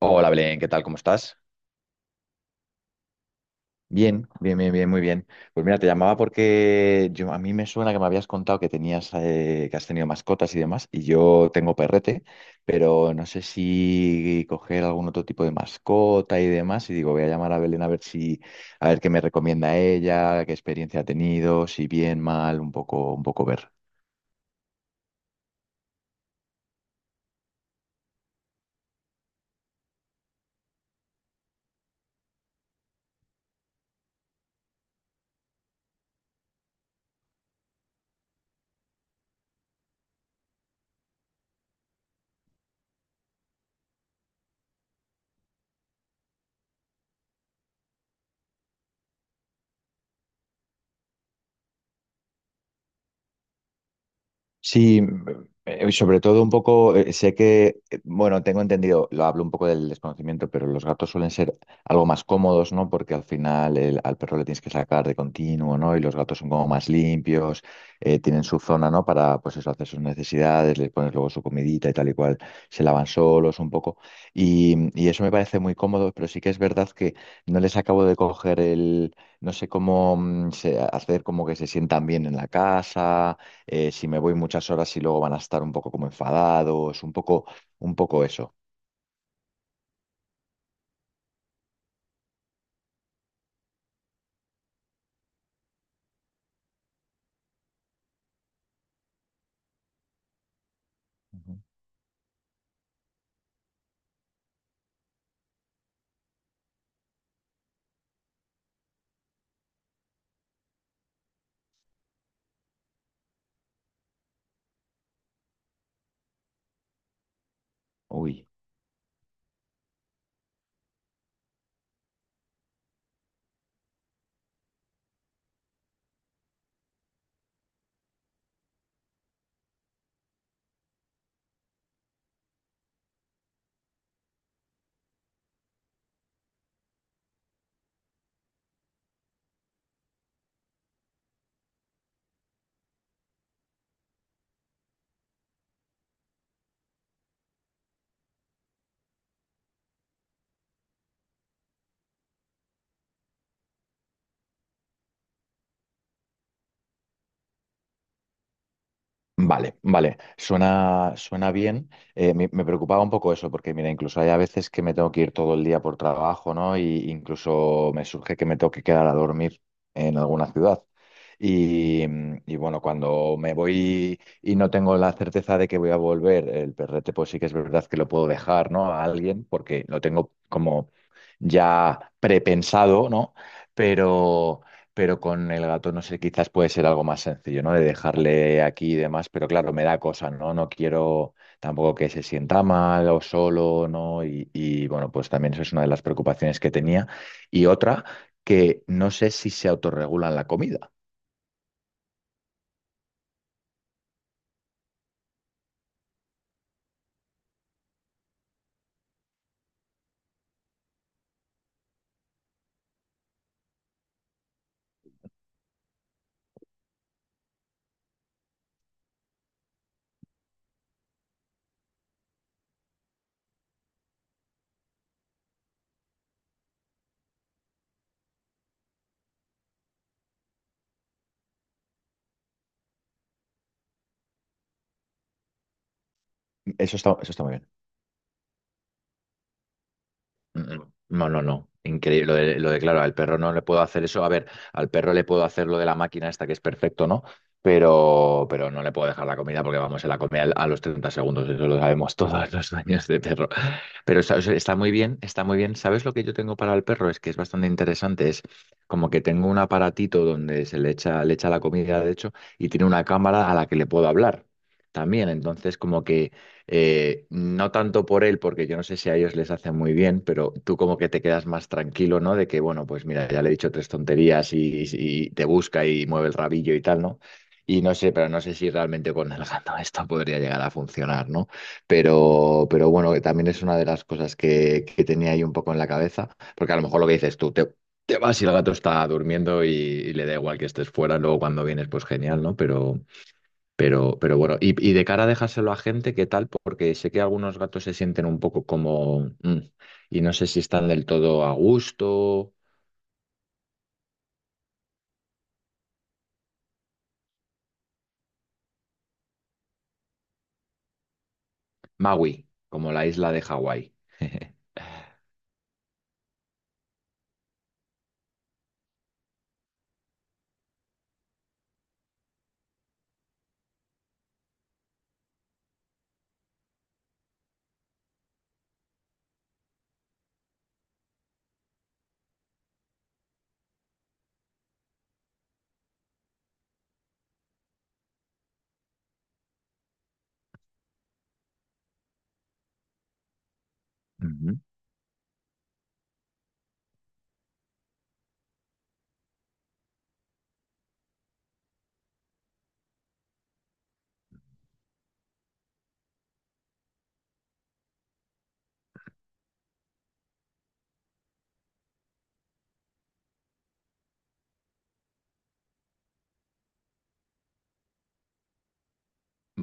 Hola Belén, ¿qué tal? ¿Cómo estás? Bien, bien, bien, bien, muy bien. Pues mira, te llamaba porque yo a mí me suena que me habías contado que tenías, que has tenido mascotas y demás, y yo tengo perrete, pero no sé si coger algún otro tipo de mascota y demás, y digo, voy a llamar a Belén a ver si, a ver qué me recomienda ella, qué experiencia ha tenido, si bien, mal, un poco ver. Sí, sobre todo un poco, sé que, bueno, tengo entendido, lo hablo un poco del desconocimiento, pero los gatos suelen ser algo más cómodos, ¿no? Porque al final al perro le tienes que sacar de continuo, ¿no? Y los gatos son como más limpios, tienen su zona, ¿no? Para, pues eso, hacer sus necesidades, les pones luego su comidita y tal y cual, se lavan solos un poco. Y eso me parece muy cómodo, pero sí que es verdad que no les acabo de coger el, no sé cómo hacer como que se sientan bien en la casa si me voy muchas horas y luego van a estar un poco como enfadados, un poco eso. Ujú. Uy. Vale, vale, suena, suena bien. Me, me preocupaba un poco eso, porque mira, incluso hay a veces que me tengo que ir todo el día por trabajo, ¿no? Y incluso me surge que me tengo que quedar a dormir en alguna ciudad. Y bueno, cuando me voy y no tengo la certeza de que voy a volver, el perrete, pues sí que es verdad que lo puedo dejar, ¿no? A alguien, porque lo tengo como ya prepensado, ¿no? Pero con el gato, no sé, quizás puede ser algo más sencillo, ¿no? De dejarle aquí y demás, pero claro, me da cosa, ¿no? No quiero tampoco que se sienta mal o solo, ¿no? Bueno, pues también eso es una de las preocupaciones que tenía. Y otra, que no sé si se autorregulan la comida. Eso está muy bien. Mm, mm, no, no, no. Increíble. Lo de, claro, al perro no le puedo hacer eso. A ver, al perro le puedo hacer lo de la máquina esta que es perfecto, ¿no? Pero no le puedo dejar la comida porque vamos, se la come a los 30 segundos. Eso lo sabemos todos los dueños de perro. Pero está, o sea, está muy bien, está muy bien. ¿Sabes lo que yo tengo para el perro? Es que es bastante interesante. Es como que tengo un aparatito donde se le echa la comida, de hecho, y tiene una cámara a la que le puedo hablar también. Entonces, como que no tanto por él, porque yo no sé si a ellos les hace muy bien, pero tú como que te quedas más tranquilo, ¿no? De que, bueno, pues mira, ya le he dicho tres tonterías y te busca y mueve el rabillo y tal, ¿no? Y no sé, pero no sé si realmente con el gato esto podría llegar a funcionar, ¿no? Pero bueno, que también es una de las cosas que tenía ahí un poco en la cabeza, porque a lo mejor lo que dices tú, te vas y el gato está durmiendo y le da igual que estés fuera, luego cuando vienes, pues genial, ¿no? Pero bueno, y de cara a dejárselo a gente, ¿qué tal? Porque sé que algunos gatos se sienten un poco como, "Mm", y no sé si están del todo a gusto. Maui, como la isla de Hawái.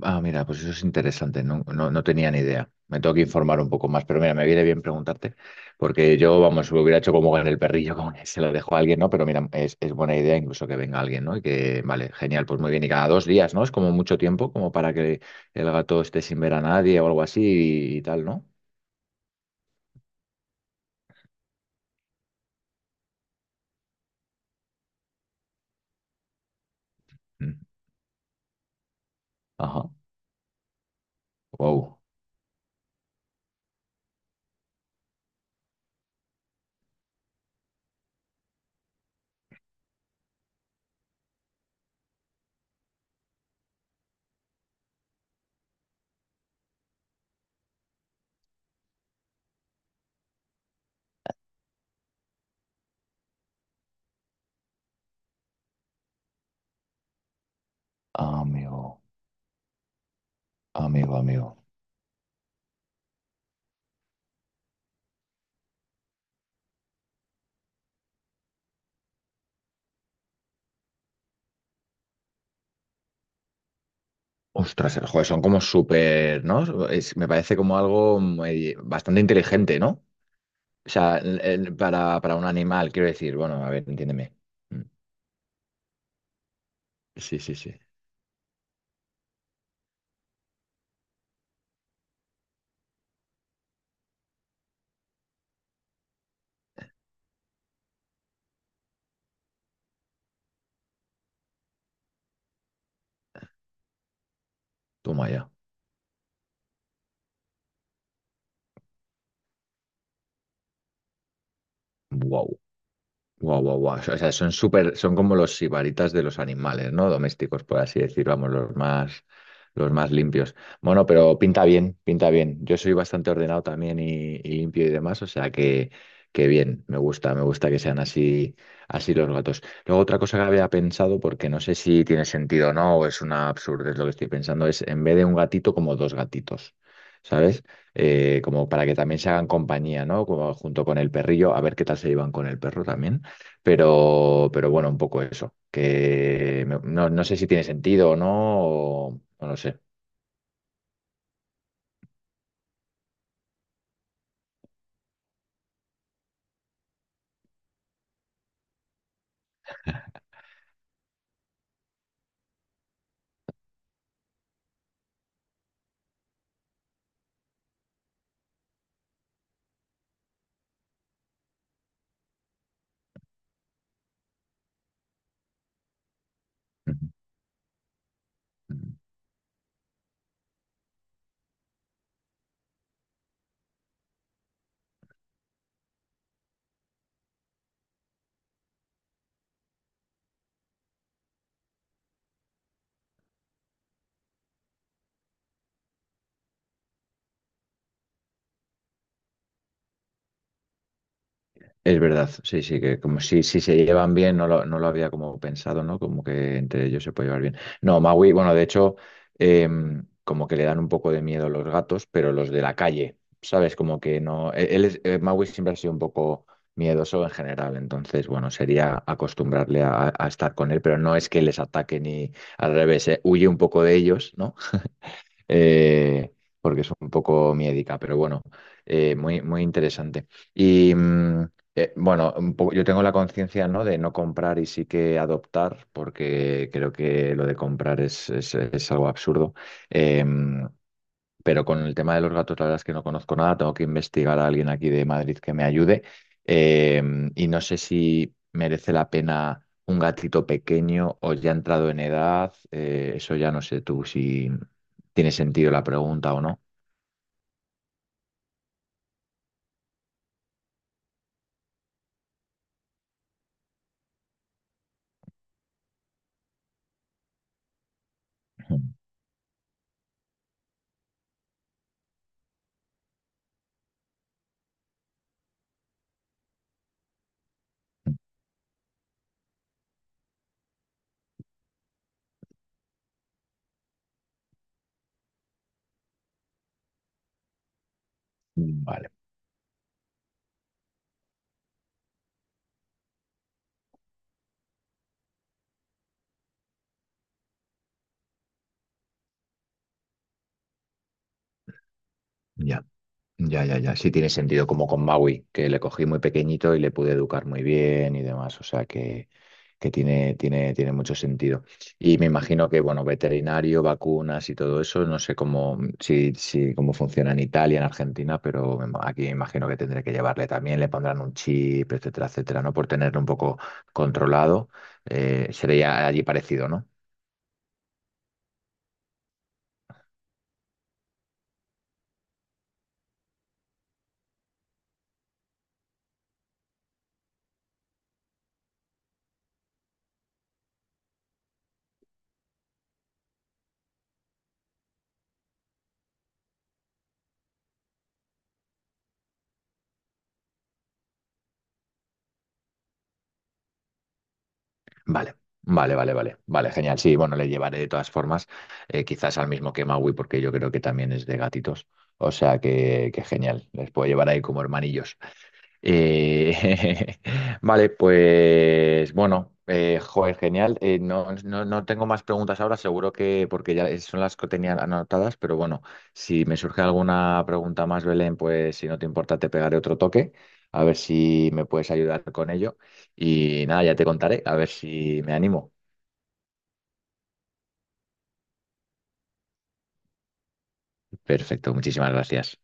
Ah, mira, pues eso es interesante, no, no, no tenía ni idea. Me tengo que informar un poco más, pero mira, me viene bien preguntarte, porque yo, vamos, lo hubiera hecho como con el perrillo, como que se lo dejo a alguien, ¿no? Pero mira, es buena idea incluso que venga alguien, ¿no? Y que, vale, genial, pues muy bien, y cada 2 días, ¿no? Es como mucho tiempo, como para que el gato esté sin ver a nadie o algo así y tal, ¿no? Mm. Ajá, wow, amigo, amigo, amigo. Ostras, el juego son como súper, ¿no? Me parece como algo bastante inteligente, ¿no? O sea, para un animal, quiero decir, bueno, a ver, entiéndeme. Mm, sí, sí, sí. Toma ya. Wow. Guau, guau, guau. O sea, son súper, son como los sibaritas de los animales, ¿no? Domésticos, por así decir, vamos, los más limpios. Bueno, pero pinta bien, pinta bien. Yo soy bastante ordenado también y limpio y demás, o sea que bien, me gusta que sean así, así los gatos. Luego otra cosa que había pensado, porque no sé si tiene sentido o no, o es una absurdez lo que estoy pensando, es en vez de un gatito, como dos gatitos. ¿Sabes? Como para que también se hagan compañía, ¿no? Como junto con el perrillo, a ver qué tal se llevan con el perro también. Pero bueno, un poco eso, no, no sé si tiene sentido o no lo sé. Ujú. Es verdad, sí, sí, que como si, si se llevan bien, no lo, no lo había como pensado, ¿no? Como que entre ellos se puede llevar bien. No, Maui, bueno, de hecho, como que le dan un poco de miedo los gatos, pero los de la calle, ¿sabes? Como que no. Maui siempre ha sido un poco miedoso en general, entonces, bueno, sería acostumbrarle a estar con él, pero no es que les ataque ni al revés, huye un poco de ellos, ¿no? eh, porque es un poco miedica, pero bueno, muy, muy interesante. Y mm, bueno, yo tengo la conciencia, ¿no? De no comprar y sí que adoptar, porque creo que lo de comprar es algo absurdo. Em, pero con el tema de los gatos, la verdad es que no conozco nada. Tengo que investigar a alguien aquí de Madrid que me ayude. Eh, y no sé si merece la pena un gatito pequeño o ya entrado en edad. Eso ya no sé tú si tiene sentido la pregunta o no. Ujú. Vale, ya. Ya, ya, ya. Sí tiene sentido, como con Maui, que le cogí muy pequeñito y le pude educar muy bien y demás. O sea que tiene, tiene, tiene mucho sentido. Y me imagino que, bueno, veterinario, vacunas y todo eso, no sé cómo, si, si, cómo funciona en Italia, en Argentina, pero aquí me imagino que tendré que llevarle también, le pondrán un chip, etcétera, etcétera, ¿no? Por tenerlo un poco controlado. Sería allí parecido, ¿no? Vale, vale, vale, vale, vale, genial. Sí, bueno, le llevaré de todas formas, quizás al mismo que Maui, porque yo creo que también es de gatitos. O sea que genial, les puedo llevar ahí como hermanillos. Eh, vale, pues bueno, joder, genial. No, no, no tengo más preguntas ahora, seguro que porque ya son las que tenía anotadas, pero bueno, si me surge alguna pregunta más, Belén, pues si no te importa, te pegaré otro toque, a ver si me puedes ayudar con ello. Y nada, ya te contaré, a ver si me animo. Perfecto, muchísimas gracias.